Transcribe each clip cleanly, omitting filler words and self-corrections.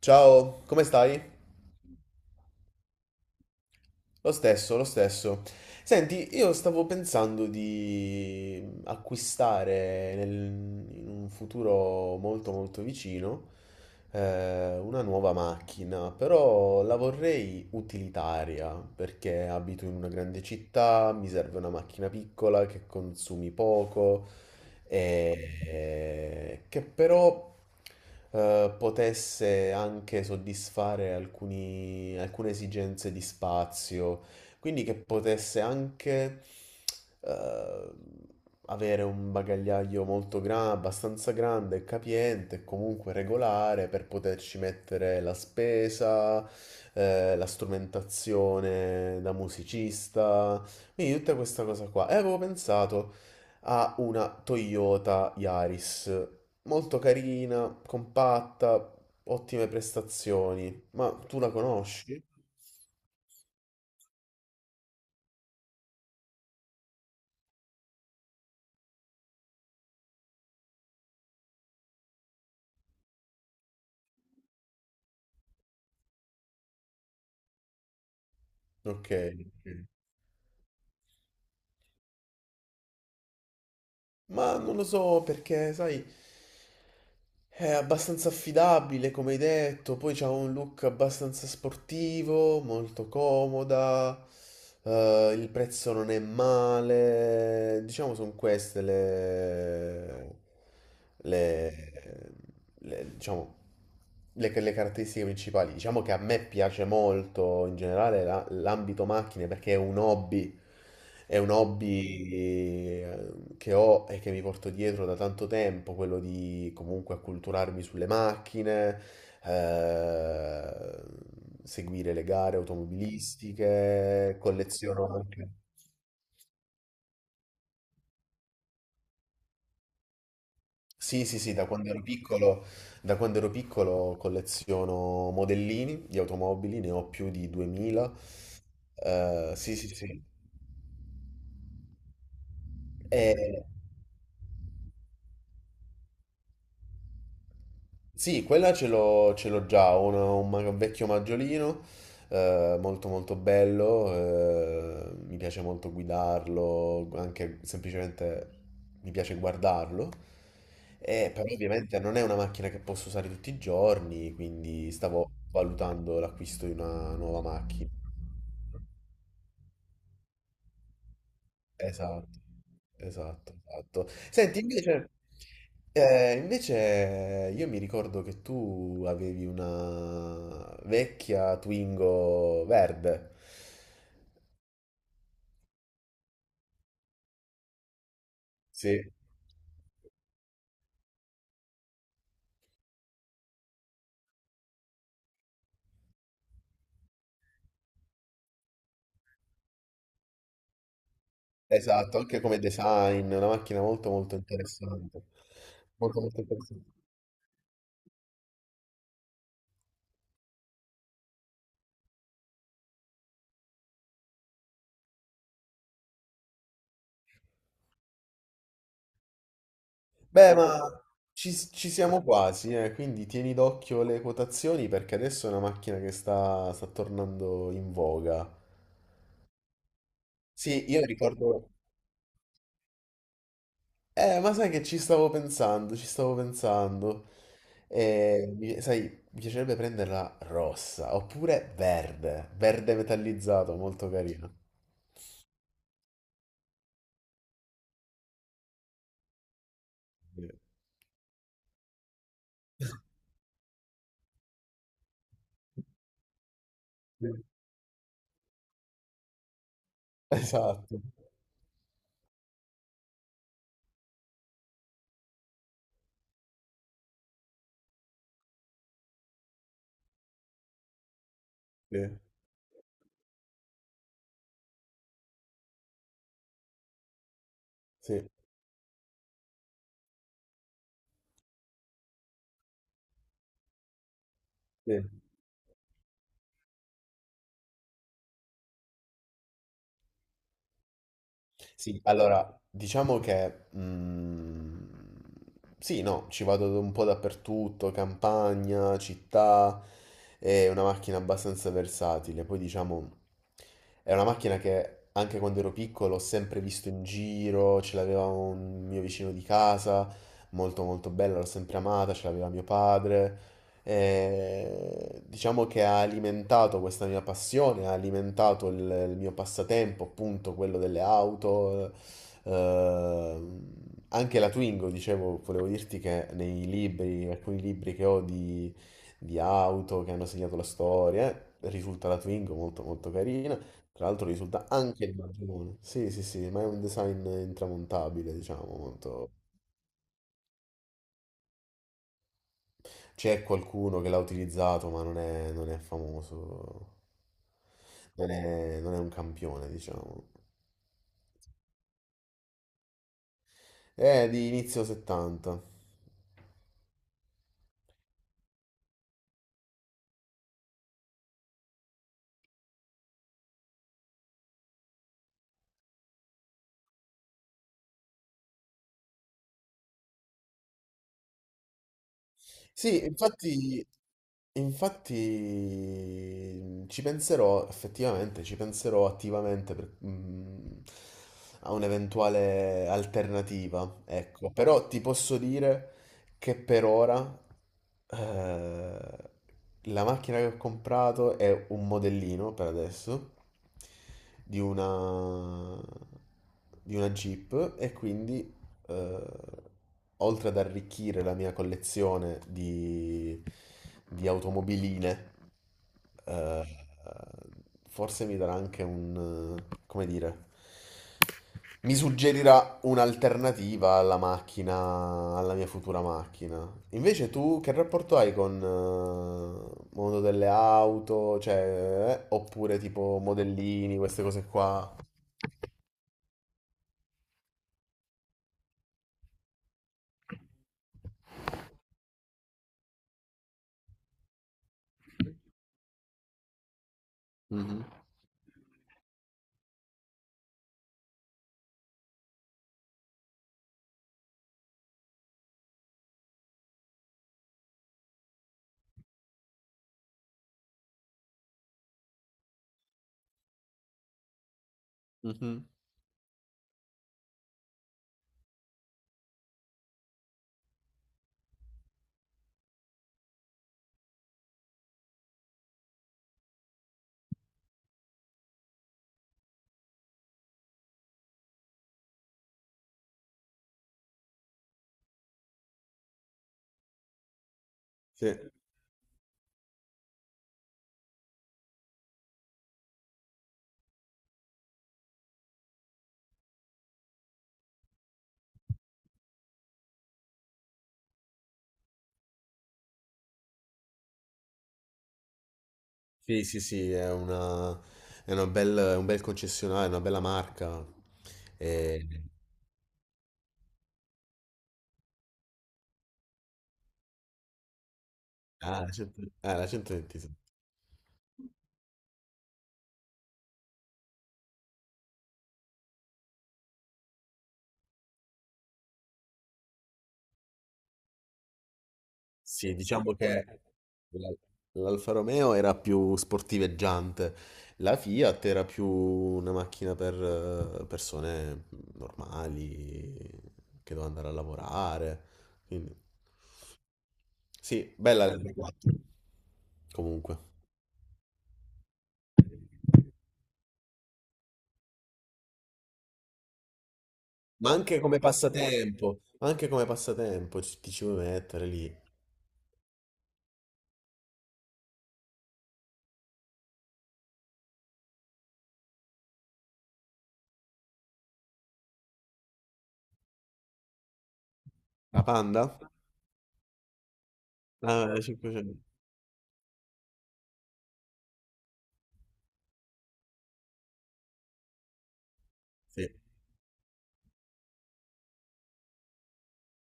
Ciao, come stai? Lo stesso, lo stesso. Senti, io stavo pensando di acquistare in un futuro molto molto vicino, una nuova macchina, però la vorrei utilitaria perché abito in una grande città, mi serve una macchina piccola che consumi poco, e che però potesse anche soddisfare alcune esigenze di spazio, quindi che potesse anche eh, avere un bagagliaio molto grande, abbastanza grande, e capiente e comunque regolare per poterci mettere la spesa, la strumentazione da musicista, quindi tutta questa cosa qua. E avevo pensato ha una Toyota Yaris, molto carina, compatta, ottime prestazioni. Ma tu la conosci? Ok, ok. Ma non lo so perché, sai, è abbastanza affidabile, come hai detto, poi c'ha un look abbastanza sportivo, molto comoda, il prezzo non è male, diciamo sono queste, le, diciamo, le caratteristiche principali. Diciamo che a me piace molto in generale l'ambito macchine perché è un hobby, è un hobby, che ho e che mi porto dietro da tanto tempo, quello di comunque acculturarmi sulle macchine, eh, seguire le gare automobilistiche, colleziono anche. Sì, sì, sì, da quando ero piccolo, colleziono modellini di automobili, ne ho più di 2000. Sì, sì, sì. E, Sì, quella ce l'ho già, ho un vecchio maggiolino, molto molto bello, mi piace molto guidarlo, anche semplicemente mi piace guardarlo, e però, sì, ovviamente non è una macchina che posso usare tutti i giorni, quindi stavo valutando l'acquisto di una nuova macchina. Esatto, esatto, esatto. Senti, invece, io mi ricordo che tu avevi una vecchia Twingo verde. Sì, esatto, anche come design, una macchina molto molto interessante. Molto molto interessante. Beh, ma ci siamo quasi, quindi tieni d'occhio le quotazioni perché adesso è una macchina che sta tornando in voga. Sì, io ricordo. Ma sai che ci stavo pensando, ci stavo pensando. Sai, mi piacerebbe prenderla rossa, oppure verde, verde metallizzato, molto carino. Sì. Esatto, sì, sì, sì. Sì, allora, diciamo che sì, no, ci vado un po' dappertutto, campagna, città, è una macchina abbastanza versatile. Poi diciamo, è una macchina che anche quando ero piccolo ho sempre visto in giro, ce l'aveva un mio vicino di casa, molto molto bella, l'ho sempre amata, ce l'aveva mio padre. Diciamo che ha alimentato questa mia passione, ha alimentato il mio passatempo, appunto quello delle auto, eh, anche la Twingo, dicevo, volevo dirti che nei libri, alcuni libri che ho di auto che hanno segnato la storia, risulta la Twingo molto molto carina, tra l'altro risulta anche il maglione, sì sì sì, ma è un design intramontabile, diciamo, molto. C'è qualcuno che l'ha utilizzato, ma non è famoso. Non è un campione, diciamo. È di inizio 70. Sì, infatti, ci penserò effettivamente, ci penserò attivamente a un'eventuale alternativa, ecco. Però ti posso dire che per ora, eh, la macchina che ho comprato è un modellino per adesso di una, di una Jeep, e quindi, eh, oltre ad arricchire la mia collezione di automobiline, eh, forse mi darà anche come dire, mi suggerirà un'alternativa alla macchina, alla mia futura macchina. Invece tu che rapporto hai con, mondo delle auto, cioè, oppure tipo modellini, queste cose qua? Mhm, mhm. Sì. Sì, sì, sì, è un bel concessionario, una bella marca. E- ah, la 100, ah, la 126. Sì, diciamo che la- l'Alfa Romeo era più sportiveggiante, la Fiat era più una macchina per persone normali che devono andare a lavorare. Quindi, sì, bella la 4 comunque. Ma anche come passatempo, ti ci vuoi mettere lì. La Panda? Ah, 500. Sì.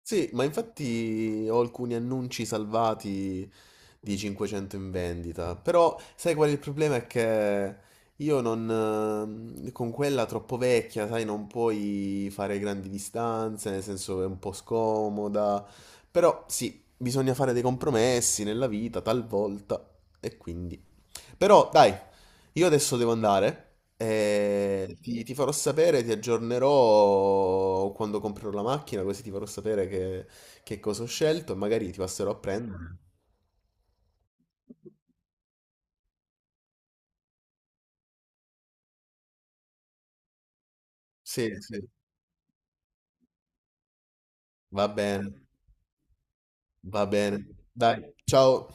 Sì, ma infatti ho alcuni annunci salvati di 500 in vendita, però sai qual è il problema? È che io non, con quella troppo vecchia, sai, non puoi fare grandi distanze, nel senso è un po' scomoda, però sì, bisogna fare dei compromessi nella vita, talvolta, e quindi. Però dai, io adesso devo andare. Ti farò sapere, ti aggiornerò quando comprerò la macchina, così ti farò sapere che cosa ho scelto e magari ti passerò a prendere. Sì, sì, va bene, va bene. Dai, ciao.